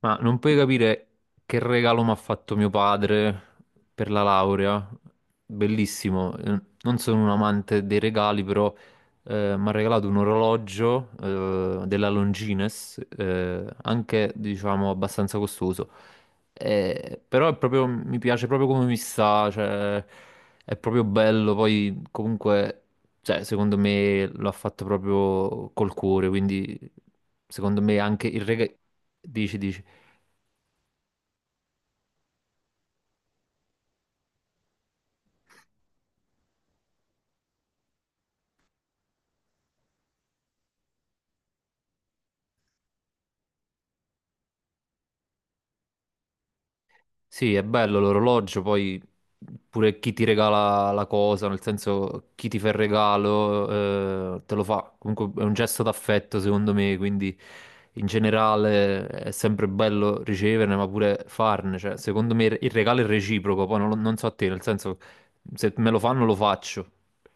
Ma non puoi capire che regalo mi ha fatto mio padre per la laurea. Bellissimo. Non sono un amante dei regali, però mi ha regalato un orologio della Longines, anche diciamo abbastanza costoso. Mi piace proprio come mi sta, cioè, è proprio bello. Poi comunque, cioè, secondo me l'ha fatto proprio col cuore, quindi secondo me anche il regalo. Dici, dici. Sì, è bello l'orologio, poi pure chi ti regala la cosa, nel senso chi ti fa il regalo, te lo fa. Comunque è un gesto d'affetto, secondo me, quindi in generale è sempre bello riceverne, ma pure farne. Cioè, secondo me il regalo è reciproco, poi non so a te, nel senso se me lo fanno lo faccio.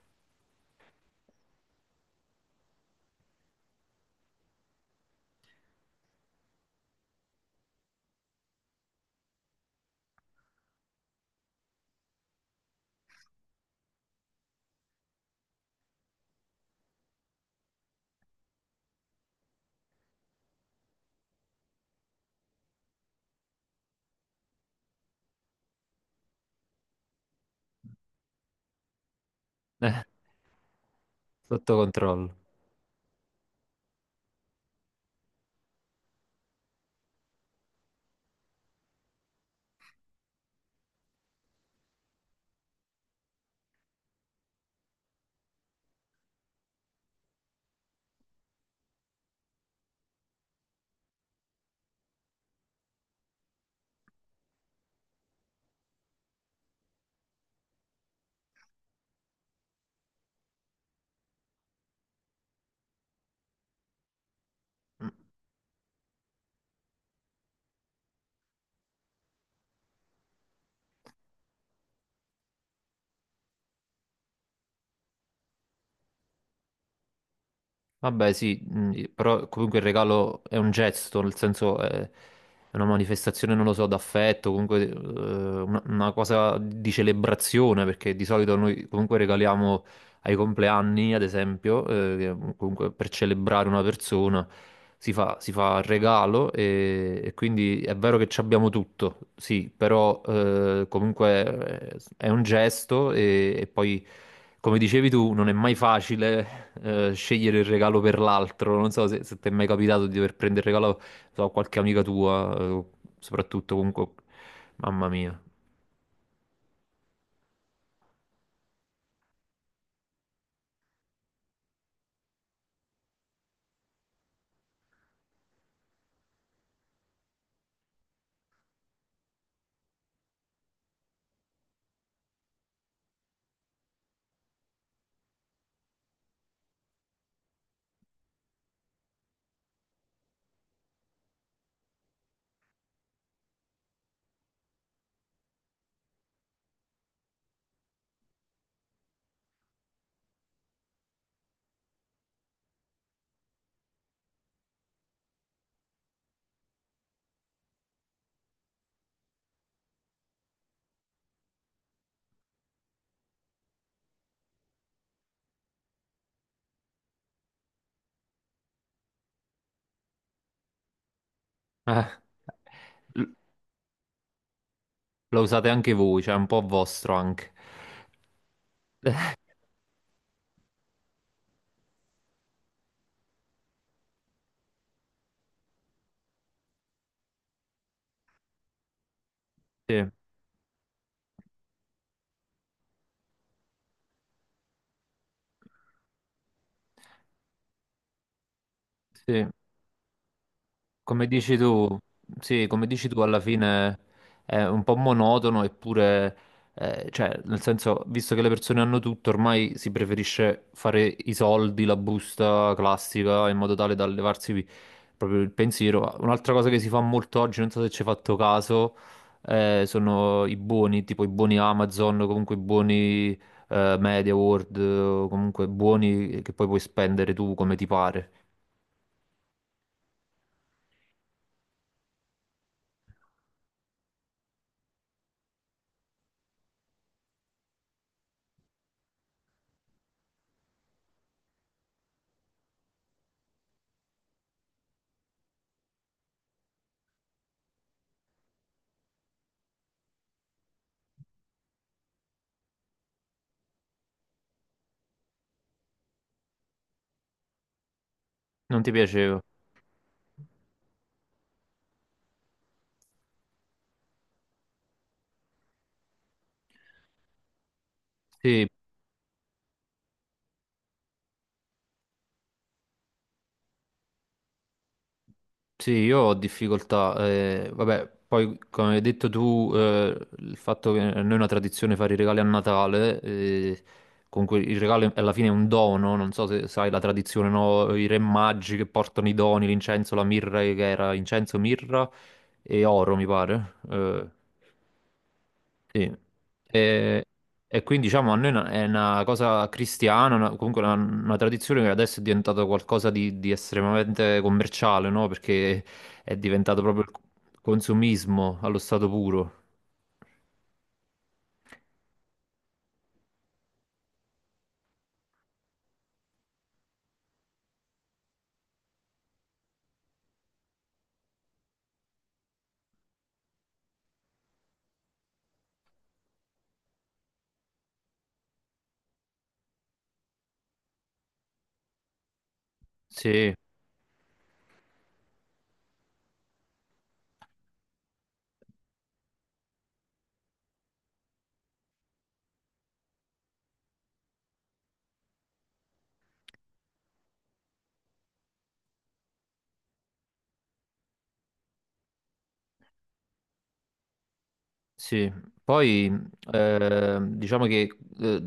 Eh, Sotto controllo. Vabbè, sì, però comunque il regalo è un gesto, nel senso è una manifestazione, non lo so, d'affetto, comunque una cosa di celebrazione, perché di solito noi comunque regaliamo ai compleanni, ad esempio, che comunque per celebrare una persona si fa il regalo e quindi è vero che ci abbiamo tutto, sì, però comunque è un gesto e poi, come dicevi tu, non è mai facile scegliere il regalo per l'altro. Non so se ti è mai capitato di dover prendere il regalo, a qualche amica tua, soprattutto comunque, mamma mia. Eh, l- lo usate anche voi, cioè è un po' vostro anche. Sì. Sì, come dici tu, sì, come dici tu, alla fine è un po' monotono, eppure, cioè, nel senso, visto che le persone hanno tutto, ormai si preferisce fare i soldi, la busta classica, in modo tale da levarsi proprio il pensiero. Un'altra cosa che si fa molto oggi, non so se ci hai fatto caso, sono i buoni, tipo i buoni Amazon, o comunque i buoni, Media World, o comunque buoni che poi puoi spendere tu come ti pare. Non ti piaceva? Sì, sì, io ho difficoltà, vabbè, poi come hai detto tu, il fatto che a noi è una tradizione fare i regali a Natale, comunque il regalo alla fine è un dono, non so se sai la tradizione, no? I re magi che portano i doni, l'incenso, la mirra, che era incenso, mirra e oro, mi pare. Sì. E, e quindi diciamo a noi è una cosa cristiana, comunque una tradizione che adesso è diventata qualcosa di estremamente commerciale, no? Perché è diventato proprio il consumismo allo stato puro. Sì, sì, poi diciamo che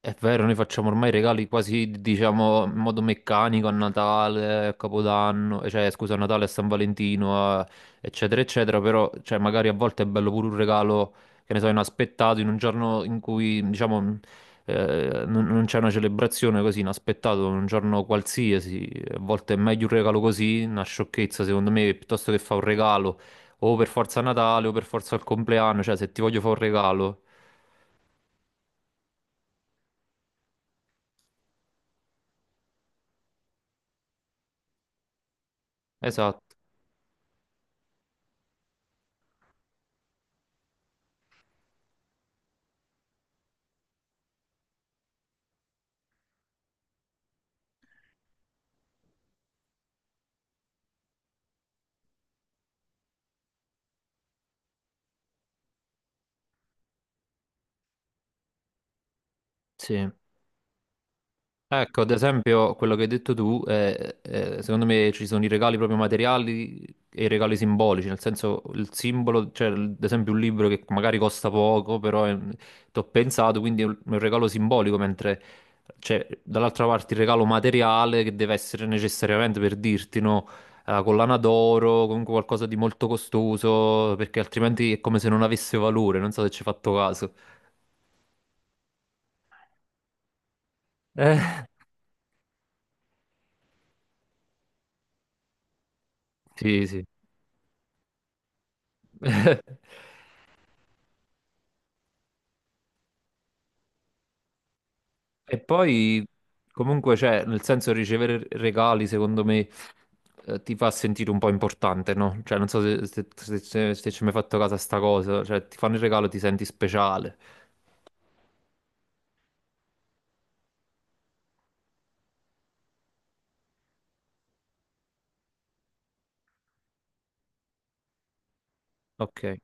è vero, noi facciamo ormai regali quasi, diciamo, in modo meccanico a Natale, a Capodanno, cioè scusa, a Natale, a San Valentino, eccetera, eccetera, però cioè, magari a volte è bello pure un regalo, che ne so, inaspettato, in un giorno in cui, diciamo, non c'è una celebrazione così, inaspettato, un giorno qualsiasi, a volte è meglio un regalo così, una sciocchezza secondo me, piuttosto che fa un regalo o per forza Natale o per forza il compleanno, cioè se ti voglio fare un regalo. Esatto, sì. Ecco, ad esempio, quello che hai detto tu, secondo me ci sono i regali proprio materiali e i regali simbolici, nel senso il simbolo, cioè ad esempio un libro che magari costa poco, però ti ho pensato, quindi è un regalo simbolico, mentre c'è dall'altra parte il regalo materiale che deve essere necessariamente per dirti, no, la collana d'oro, comunque qualcosa di molto costoso, perché altrimenti è come se non avesse valore, non so se ci hai fatto caso. Eh, sì, sì. E poi, comunque, cioè, nel senso, ricevere regali, secondo me, ti fa sentire un po' importante, no? Cioè, non so se ci hai mai fatto caso a sta cosa, cioè, ti fanno il regalo, ti senti speciale. Ok.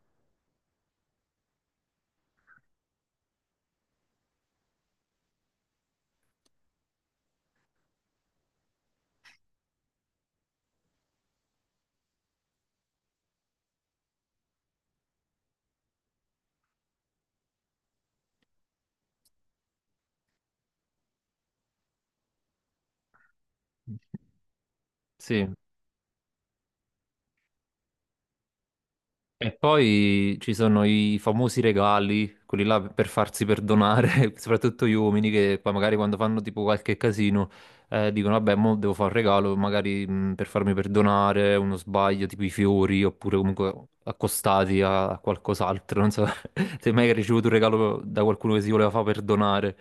Sì. E poi ci sono i famosi regali, quelli là per farsi perdonare, soprattutto gli uomini che poi magari quando fanno tipo qualche casino dicono vabbè, mo devo fare un regalo, magari per farmi perdonare uno sbaglio, tipo i fiori oppure comunque accostati a qualcos'altro, non so se mai hai ricevuto un regalo da qualcuno che si voleva far perdonare.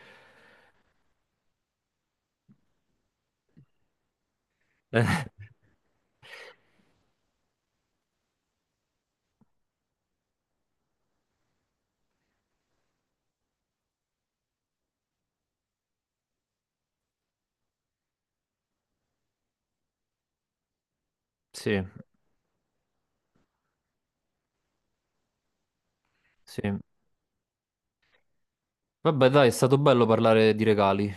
Eh, sì, sì. Vabbè, dai, è stato bello parlare di regali.